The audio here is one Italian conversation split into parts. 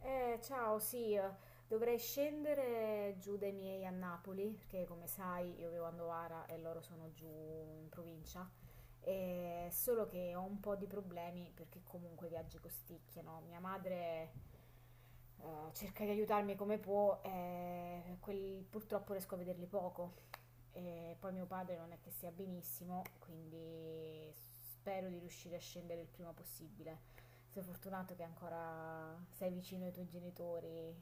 Eh, ciao, sì, eh, dovrei scendere giù dai miei a Napoli, perché come sai io vivo a Novara e loro sono giù in provincia. Solo che ho un po' di problemi perché comunque i viaggi costicchiano. Mia madre cerca di aiutarmi come può, purtroppo riesco a vederli poco. E poi mio padre non è che sia benissimo, quindi spero di riuscire a scendere il prima possibile. Sei fortunato che ancora sei vicino ai tuoi genitori,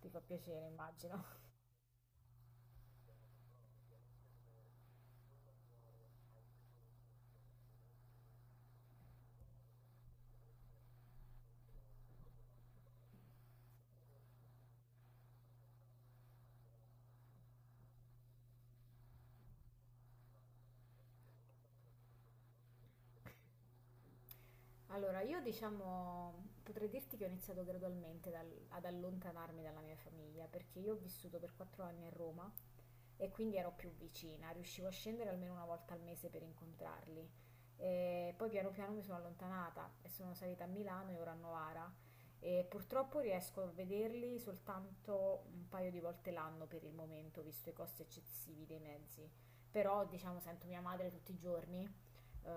ti fa piacere, immagino. Allora, io diciamo, potrei dirti che ho iniziato gradualmente ad allontanarmi dalla mia famiglia, perché io ho vissuto per 4 anni a Roma e quindi ero più vicina, riuscivo a scendere almeno una volta al mese per incontrarli. E poi piano piano mi sono allontanata e sono salita a Milano e ora a Novara, e purtroppo riesco a vederli soltanto un paio di volte l'anno per il momento, visto i costi eccessivi dei mezzi. Però, diciamo, sento mia madre tutti i giorni.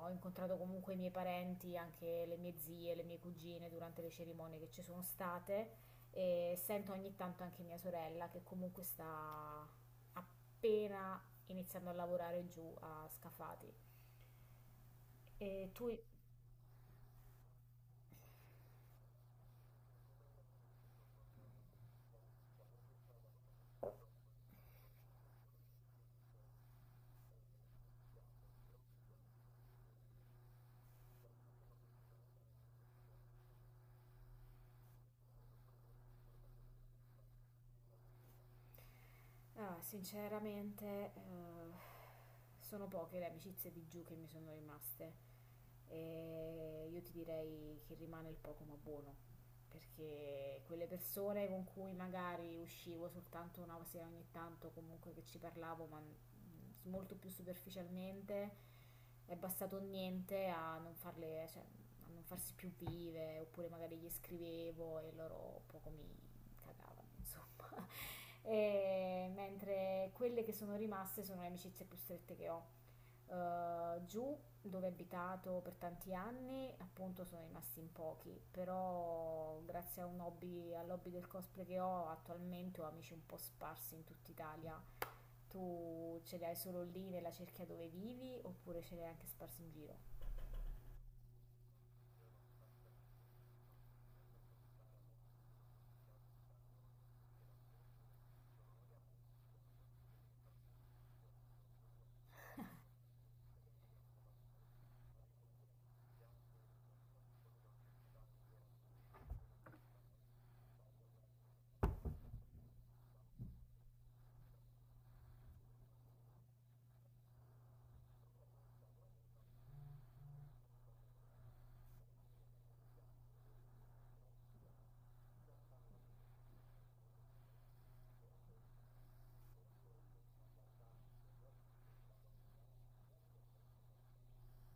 Ho incontrato comunque i miei parenti, anche le mie zie, le mie cugine, durante le cerimonie che ci sono state, e sento ogni tanto anche mia sorella, che comunque sta appena iniziando a lavorare giù a Scafati. E tu, ah, sinceramente, eh, sono poche le amicizie di giù che mi sono rimaste. E io ti direi che rimane il poco ma buono, perché quelle persone con cui magari uscivo soltanto una sera ogni tanto, comunque che ci parlavo, ma molto più superficialmente, è bastato niente a non farle, cioè, a non farsi più vive, oppure magari gli scrivevo e loro poco mi cagavano, insomma. E mentre quelle che sono rimaste sono le amicizie più strette che ho. Giù dove ho abitato per tanti anni, appunto sono rimasti in pochi, però grazie a un hobby, all'hobby del cosplay che ho attualmente, ho amici un po' sparsi in tutta Italia. Tu ce li hai solo lì nella cerchia dove vivi, oppure ce li hai anche sparsi in giro?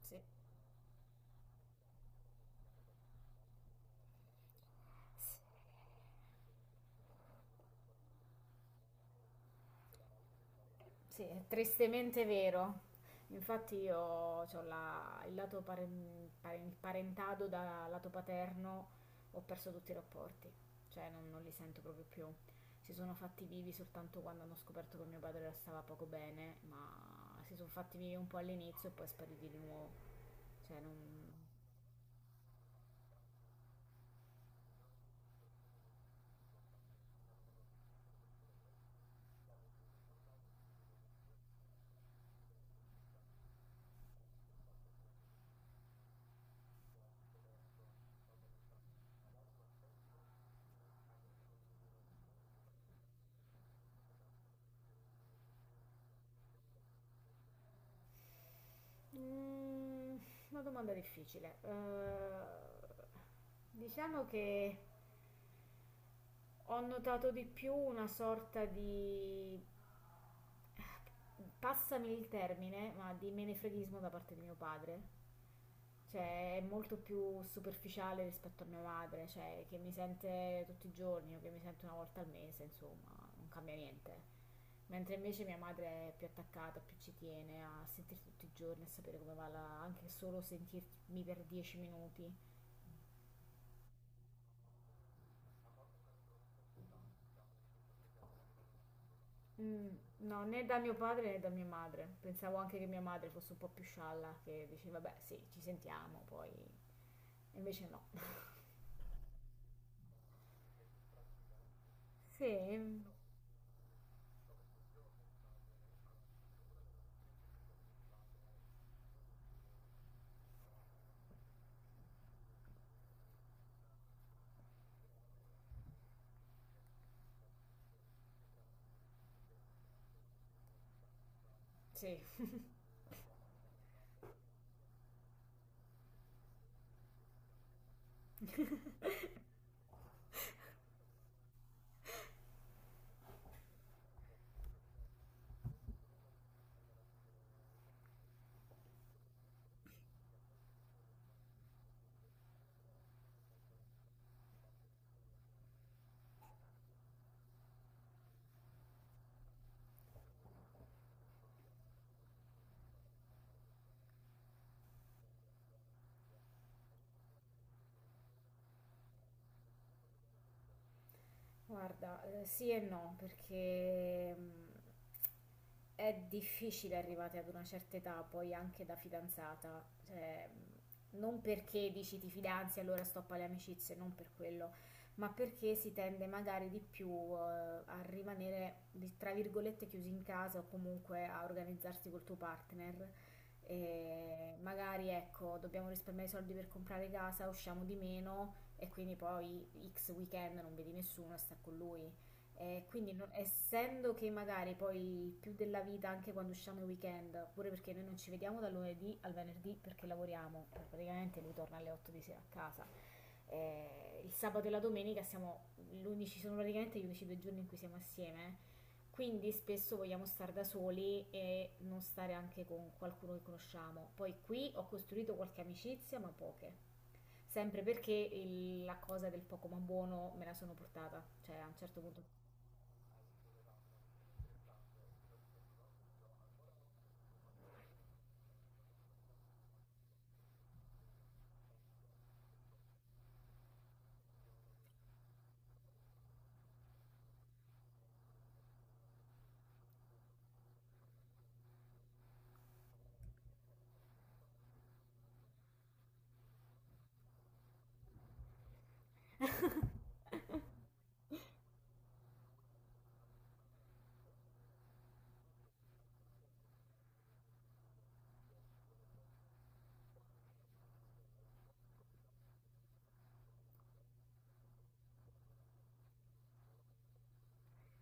Sì. Sì, è tristemente vero. Infatti io ho la, il lato il parentado da lato paterno, ho perso tutti i rapporti, cioè non, non li sento proprio più. Si sono fatti vivi soltanto quando hanno scoperto che mio padre stava poco bene, ma si sono fatti vivi un po' all'inizio e poi spariti di nuovo. Cioè non... Mm, una domanda difficile. Diciamo che... Ho notato di più una sorta di, passami il termine, ma di menefreghismo da parte di mio padre. Cioè, è molto più superficiale rispetto a mia madre, cioè, che mi sente tutti i giorni o che mi sente una volta al mese, insomma, non cambia niente. Mentre invece mia madre è più attaccata, più ci tiene a sentirti tutti i giorni, a sapere come va, anche solo sentirmi per 10 minuti. Mm, no, né da mio padre né da mia madre. Pensavo anche che mia madre fosse un po' più scialla, che diceva, beh, sì, ci sentiamo, poi... Invece no. Sì, sì. Guarda, sì e no, perché è difficile arrivate ad una certa età, poi anche da fidanzata, cioè, non perché dici ti fidanzi e allora stoppa le amicizie, non per quello, ma perché si tende magari di più eh, a rimanere, tra virgolette, chiusi in casa o comunque a organizzarsi col tuo partner. E magari ecco, dobbiamo risparmiare i soldi per comprare casa, usciamo di meno, e quindi poi X weekend non vedi nessuno, sta con lui. E quindi essendo che magari poi più della vita anche quando usciamo il weekend, pure perché noi non ci vediamo dal lunedì al venerdì perché lavoriamo, poi praticamente lui torna alle 8 di sera a casa. Il sabato e la domenica siamo l'unici, sono praticamente gli unici due giorni in cui siamo assieme. Quindi spesso vogliamo stare da soli e non stare anche con qualcuno che conosciamo. Poi qui ho costruito qualche amicizia, ma poche. Sempre perché la cosa del poco ma buono me la sono portata, cioè a un certo punto.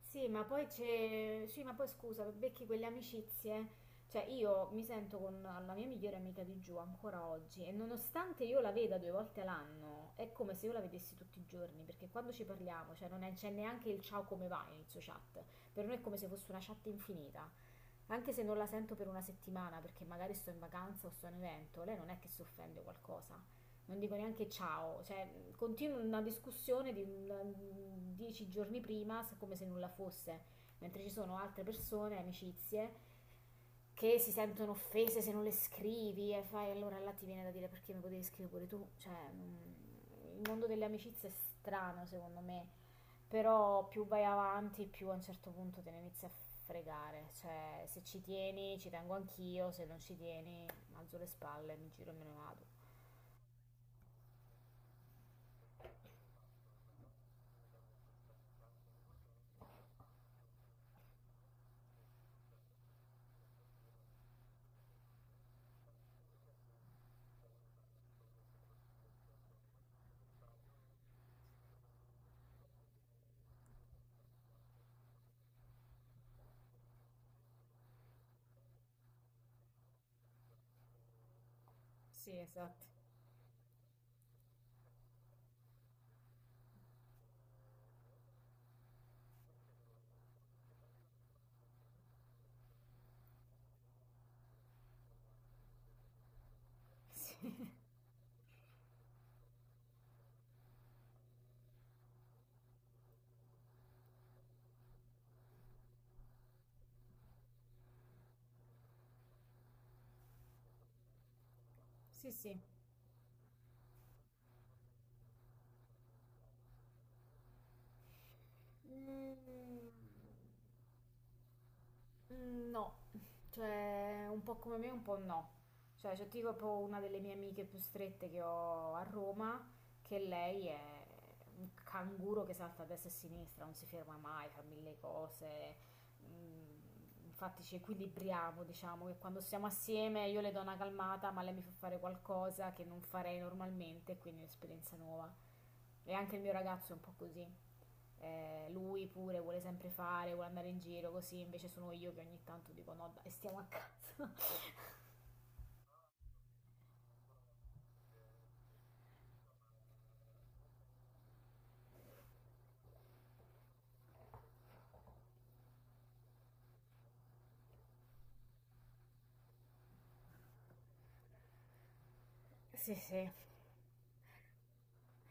Sì, ma poi c'è... Sì, ma poi scusa, becchi quelle amicizie. Cioè, io mi sento con la mia migliore amica di giù ancora oggi, e nonostante io la veda due volte all'anno, è come se io la vedessi tutti i giorni, perché quando ci parliamo, cioè non è- c'è neanche il ciao come va inizio chat. Per noi è come se fosse una chat infinita, anche se non la sento per una settimana perché magari sto in vacanza o sto in evento, lei non è che si offende o qualcosa. Non dico neanche ciao, cioè continuo una discussione di 10 giorni prima come se nulla fosse, mentre ci sono altre persone, amicizie, che si sentono offese se non le scrivi, e fai allora là ti viene da dire perché mi potevi scrivere pure tu, cioè, il mondo delle amicizie è strano secondo me, però più vai avanti più a un certo punto te ne inizi a fregare, cioè se ci tieni ci tengo anch'io, se non ci tieni alzo le spalle, mi giro e me ne vado. Sì, esatto. Sì, sì, sì. Mm, mm, no, cioè un po' come me, un po' no. Cioè, c'è tipo proprio una delle mie amiche più strette che ho a Roma, che lei è un canguro che salta a destra e a sinistra, non si ferma mai, fa mille cose. Mm, infatti ci equilibriamo, diciamo che quando siamo assieme io le do una calmata, ma lei mi fa fare qualcosa che non farei normalmente, quindi è un'esperienza nuova. E anche il mio ragazzo è un po' così. Lui pure vuole sempre fare, vuole andare in giro così, invece sono io che ogni tanto dico no, dai, stiamo a casa. Sì, sì.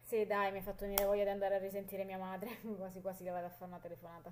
Sì, dai, mi ha fatto venire voglia di andare a risentire mia madre, quasi quasi le vado a fare una telefonata.